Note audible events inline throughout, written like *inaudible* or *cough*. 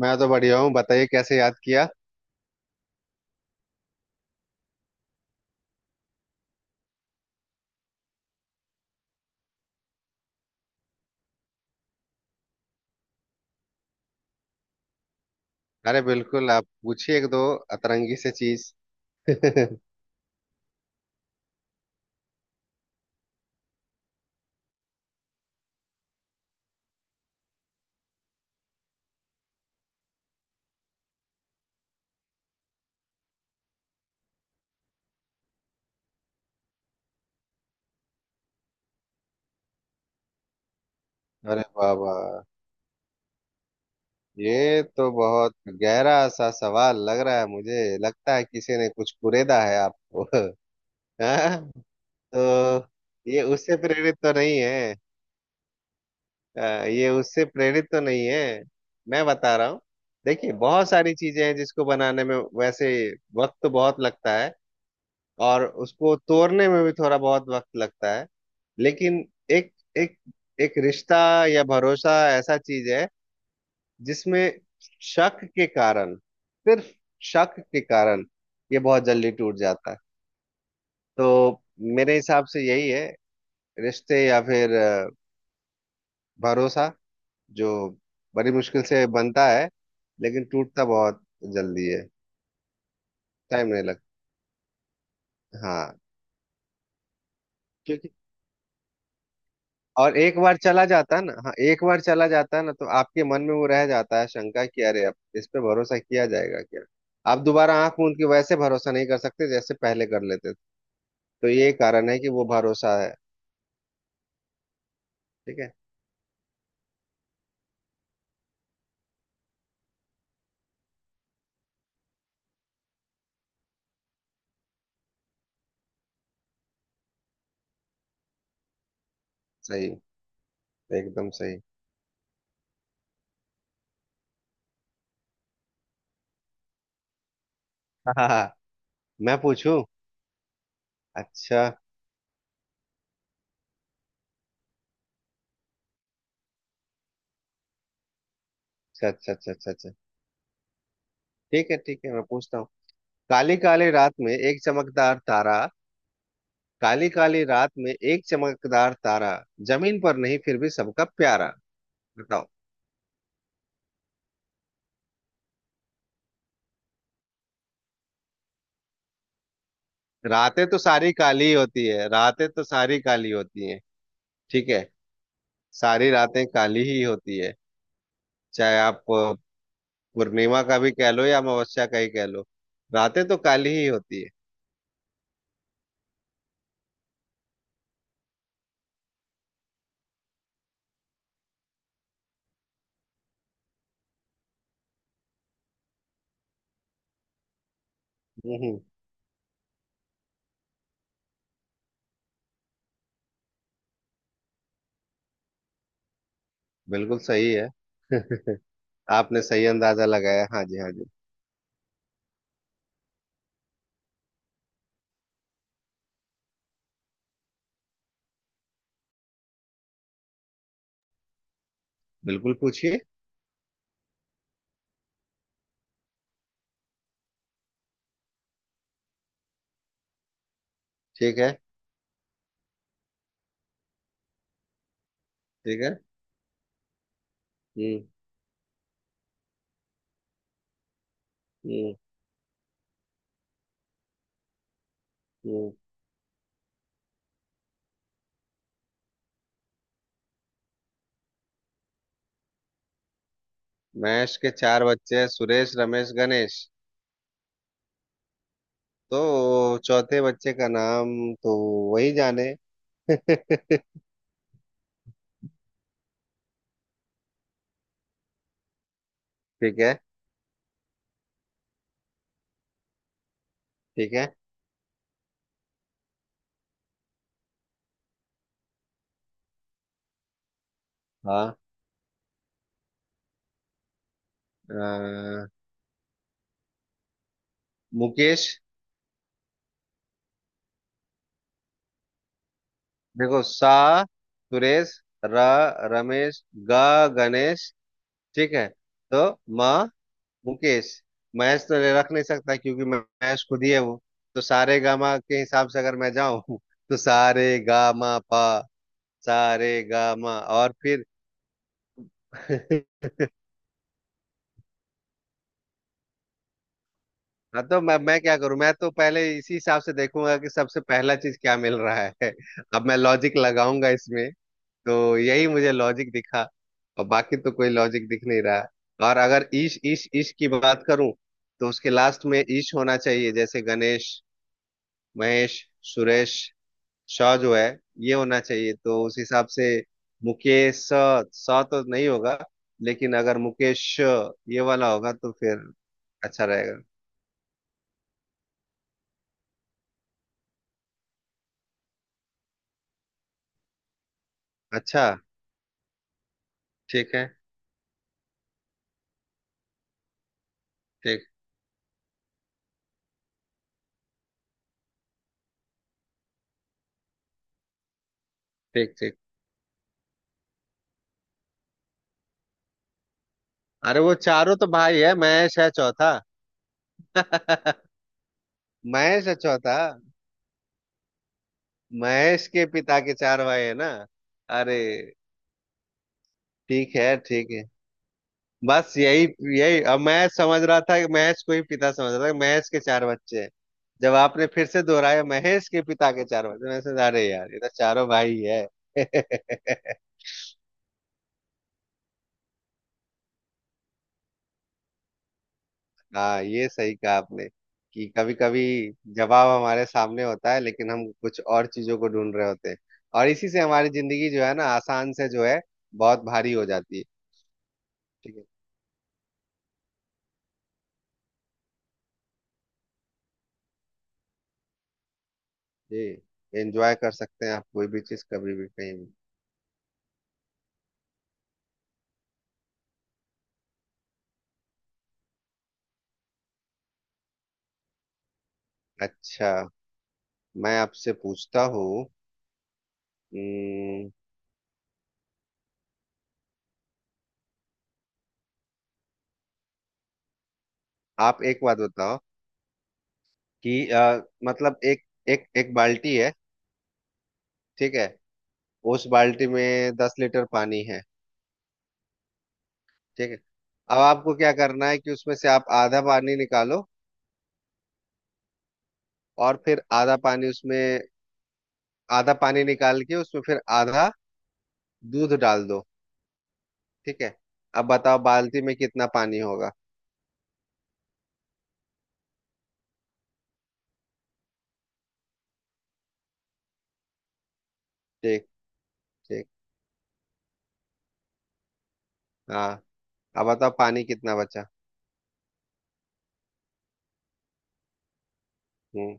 मैं तो बढ़िया हूँ। बताइए, कैसे याद किया। अरे बिल्कुल, आप पूछिए एक दो अतरंगी से चीज। *laughs* अरे बाबा, ये तो बहुत गहरा सा सवाल लग रहा है। मुझे लगता है किसी ने कुछ कुरेदा है आपको। *laughs* हाँ? तो ये उससे प्रेरित तो नहीं है। ये उससे प्रेरित तो नहीं है, मैं बता रहा हूँ। देखिए, बहुत सारी चीजें हैं जिसको बनाने में वैसे वक्त तो बहुत लगता है, और उसको तोड़ने में भी थोड़ा बहुत वक्त लगता है। लेकिन एक एक एक रिश्ता या भरोसा ऐसा चीज है जिसमें शक के कारण, सिर्फ शक के कारण, ये बहुत जल्दी टूट जाता है। तो मेरे हिसाब से यही है। रिश्ते या फिर भरोसा, जो बड़ी मुश्किल से बनता है लेकिन टूटता बहुत जल्दी है। टाइम नहीं लगता। हाँ। क्योंकि और एक बार चला जाता है ना, हाँ एक बार चला जाता है ना, तो आपके मन में वो रह जाता है शंका कि अरे, अब इस पे भरोसा किया जाएगा क्या। आप दोबारा आंख मूंद के वैसे भरोसा नहीं कर सकते जैसे पहले कर लेते थे। तो ये कारण है कि वो भरोसा है। ठीक है। सही। एकदम सही। हाँ हाँ, हाँ, मैं पूछूं? अच्छा अच्छा अच्छा अच्छा अच्छा अच्छा। ठीक है ठीक है, मैं पूछता हूँ। काली काली रात में एक चमकदार तारा। काली काली रात में एक चमकदार तारा, जमीन पर नहीं फिर भी सबका प्यारा। बताओ। रातें तो सारी काली होती है, रातें तो सारी काली होती हैं। ठीक है। सारी रातें काली ही होती है। चाहे आप पूर्णिमा का भी कह लो या अमावस्या का ही कह लो, रातें तो काली ही होती है। हम्म। बिल्कुल सही है। *laughs* आपने सही अंदाजा लगाया। हाँ जी हाँ जी। बिल्कुल पूछिए। ठीक है ठीक है। हम्म हम्म हम्म। महेश के चार बच्चे हैं, सुरेश, रमेश, गणेश। तो चौथे बच्चे का नाम, तो वही जाने। *laughs* ठीक है ठीक है। हाँ। अ, मुकेश। देखो सा, सुरेश, र, रमेश, ग, गणेश। ठीक है। तो म, मुकेश। महेश तो रख नहीं सकता क्योंकि महेश खुद ही है वो। तो सारे गामा के हिसाब से अगर मैं जाऊं, तो सारे गामा पा, सारे गामा, और फिर *laughs* हाँ, तो मैं क्या करूं? मैं तो पहले इसी हिसाब से देखूंगा कि सबसे पहला चीज क्या मिल रहा है। *laughs* अब मैं लॉजिक लगाऊंगा इसमें, तो यही मुझे लॉजिक दिखा। और बाकी तो कोई लॉजिक दिख नहीं रहा है। और अगर ईश ईश ईश की बात करूं, तो उसके लास्ट में ईश होना चाहिए, जैसे गणेश, महेश, सुरेश। शौ जो है, ये होना चाहिए। तो उस हिसाब से मुकेश स, स तो नहीं होगा, लेकिन अगर मुकेश श, ये वाला होगा, तो फिर अच्छा रहेगा। अच्छा ठीक है। ठीक ठीक ठीक। अरे वो चारों तो भाई है, महेश है चौथा। *laughs* महेश है चौथा, महेश के पिता के चार भाई है ना। अरे। ठीक है ठीक है। बस यही, यही अब मैं समझ रहा था कि महेश को ही पिता समझ रहा था कि महेश के चार बच्चे हैं। जब आपने फिर से दोहराया महेश के पिता के चार बच्चे, मैं सोचा अरे यार, ये तो चारों भाई है। *laughs* हाँ, ये सही कहा आपने कि कभी कभी जवाब हमारे सामने होता है, लेकिन हम कुछ और चीजों को ढूंढ रहे होते हैं, और इसी से हमारी जिंदगी जो है ना आसान से जो है, बहुत भारी हो जाती है। ठीक है। जी। एंजॉय कर सकते हैं आप, कोई भी चीज कभी भी कहीं भी। अच्छा, मैं आपसे पूछता हूँ। अम, आप एक बात बताओ कि मतलब एक एक एक बाल्टी है। ठीक है। उस बाल्टी में 10 लीटर पानी है। ठीक है। अब आपको क्या करना है कि उसमें से आप आधा पानी निकालो, और फिर आधा पानी उसमें, आधा पानी निकाल के उसमें फिर आधा दूध डाल दो। ठीक है। अब बताओ बाल्टी में कितना पानी होगा? ठीक ठीक। हाँ। अब बताओ पानी कितना बचा? हम्म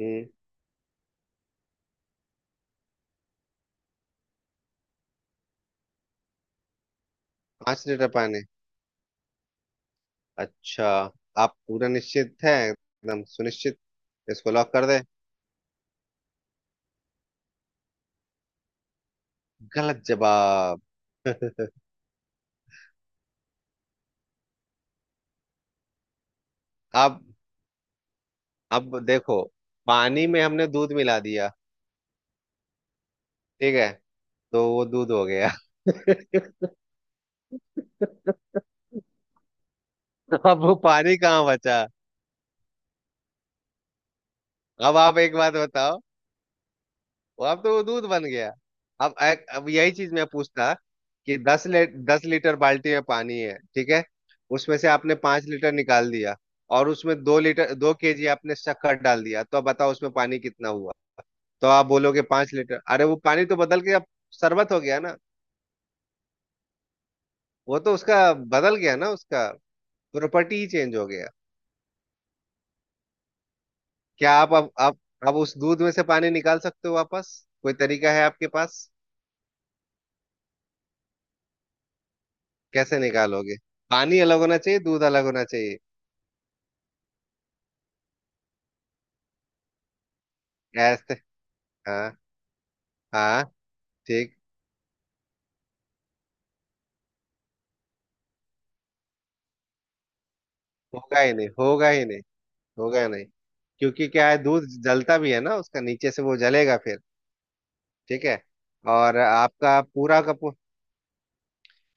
हम्म। 5 लीटर पानी? अच्छा। आप पूरा निश्चित हैं, एकदम सुनिश्चित, इसको लॉक कर दे? गलत जवाब। *laughs* अब अब देखो, पानी में हमने दूध मिला दिया, ठीक है, तो वो दूध हो गया। *laughs* अब वो पानी कहाँ बचा? अब आप एक बात बताओ, वो अब तो वो दूध बन गया। अब अब यही चीज मैं पूछता कि 10 लीटर बाल्टी में पानी है, ठीक है, उसमें से आपने 5 लीटर निकाल दिया, और उसमें 2 लीटर 2 केजी आपने शक्कर डाल दिया, तो अब बताओ उसमें पानी कितना हुआ? तो आप बोलोगे 5 लीटर। अरे, वो पानी तो बदल के अब शरबत हो गया ना। वो तो उसका बदल गया ना, उसका प्रॉपर्टी ही चेंज हो गया। क्या आप अब उस दूध में से पानी निकाल सकते हो वापस? कोई तरीका है आपके पास? कैसे निकालोगे? पानी अलग होना चाहिए, दूध अलग होना चाहिए। ऐसे? हाँ, हाँ। ठीक। होगा ही नहीं, होगा ही नहीं, होगा ही नहीं। क्योंकि क्या है, दूध जलता भी है ना, उसका नीचे से वो जलेगा फिर। ठीक है। और आपका पूरा का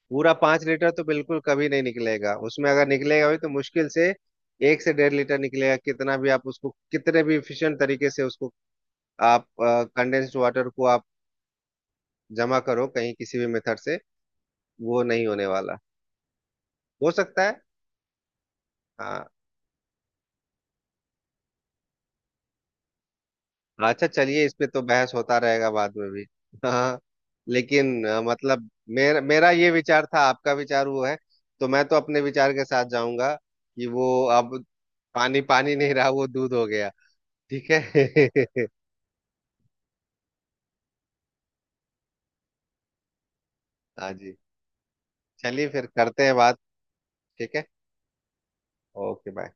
पूरा 5 लीटर तो बिल्कुल कभी नहीं निकलेगा उसमें। अगर निकलेगा भी तो मुश्किल से एक से डेढ़ लीटर निकलेगा। कितना भी आप उसको, कितने भी इफिशिएंट तरीके से उसको, आप कंडेंस्ड वाटर को आप जमा करो कहीं किसी भी मेथड से, वो नहीं होने वाला। हो सकता है। हाँ। अच्छा, चलिए, इस पे तो बहस होता रहेगा बाद में भी। हाँ। लेकिन मतलब मेरा, मेरा ये विचार था, आपका विचार वो है। तो मैं तो अपने विचार के साथ जाऊंगा कि वो अब पानी पानी नहीं रहा, वो दूध हो गया। ठीक है। *laughs* हाँ जी। चलिए फिर करते हैं बात। ठीक है। Okay bye.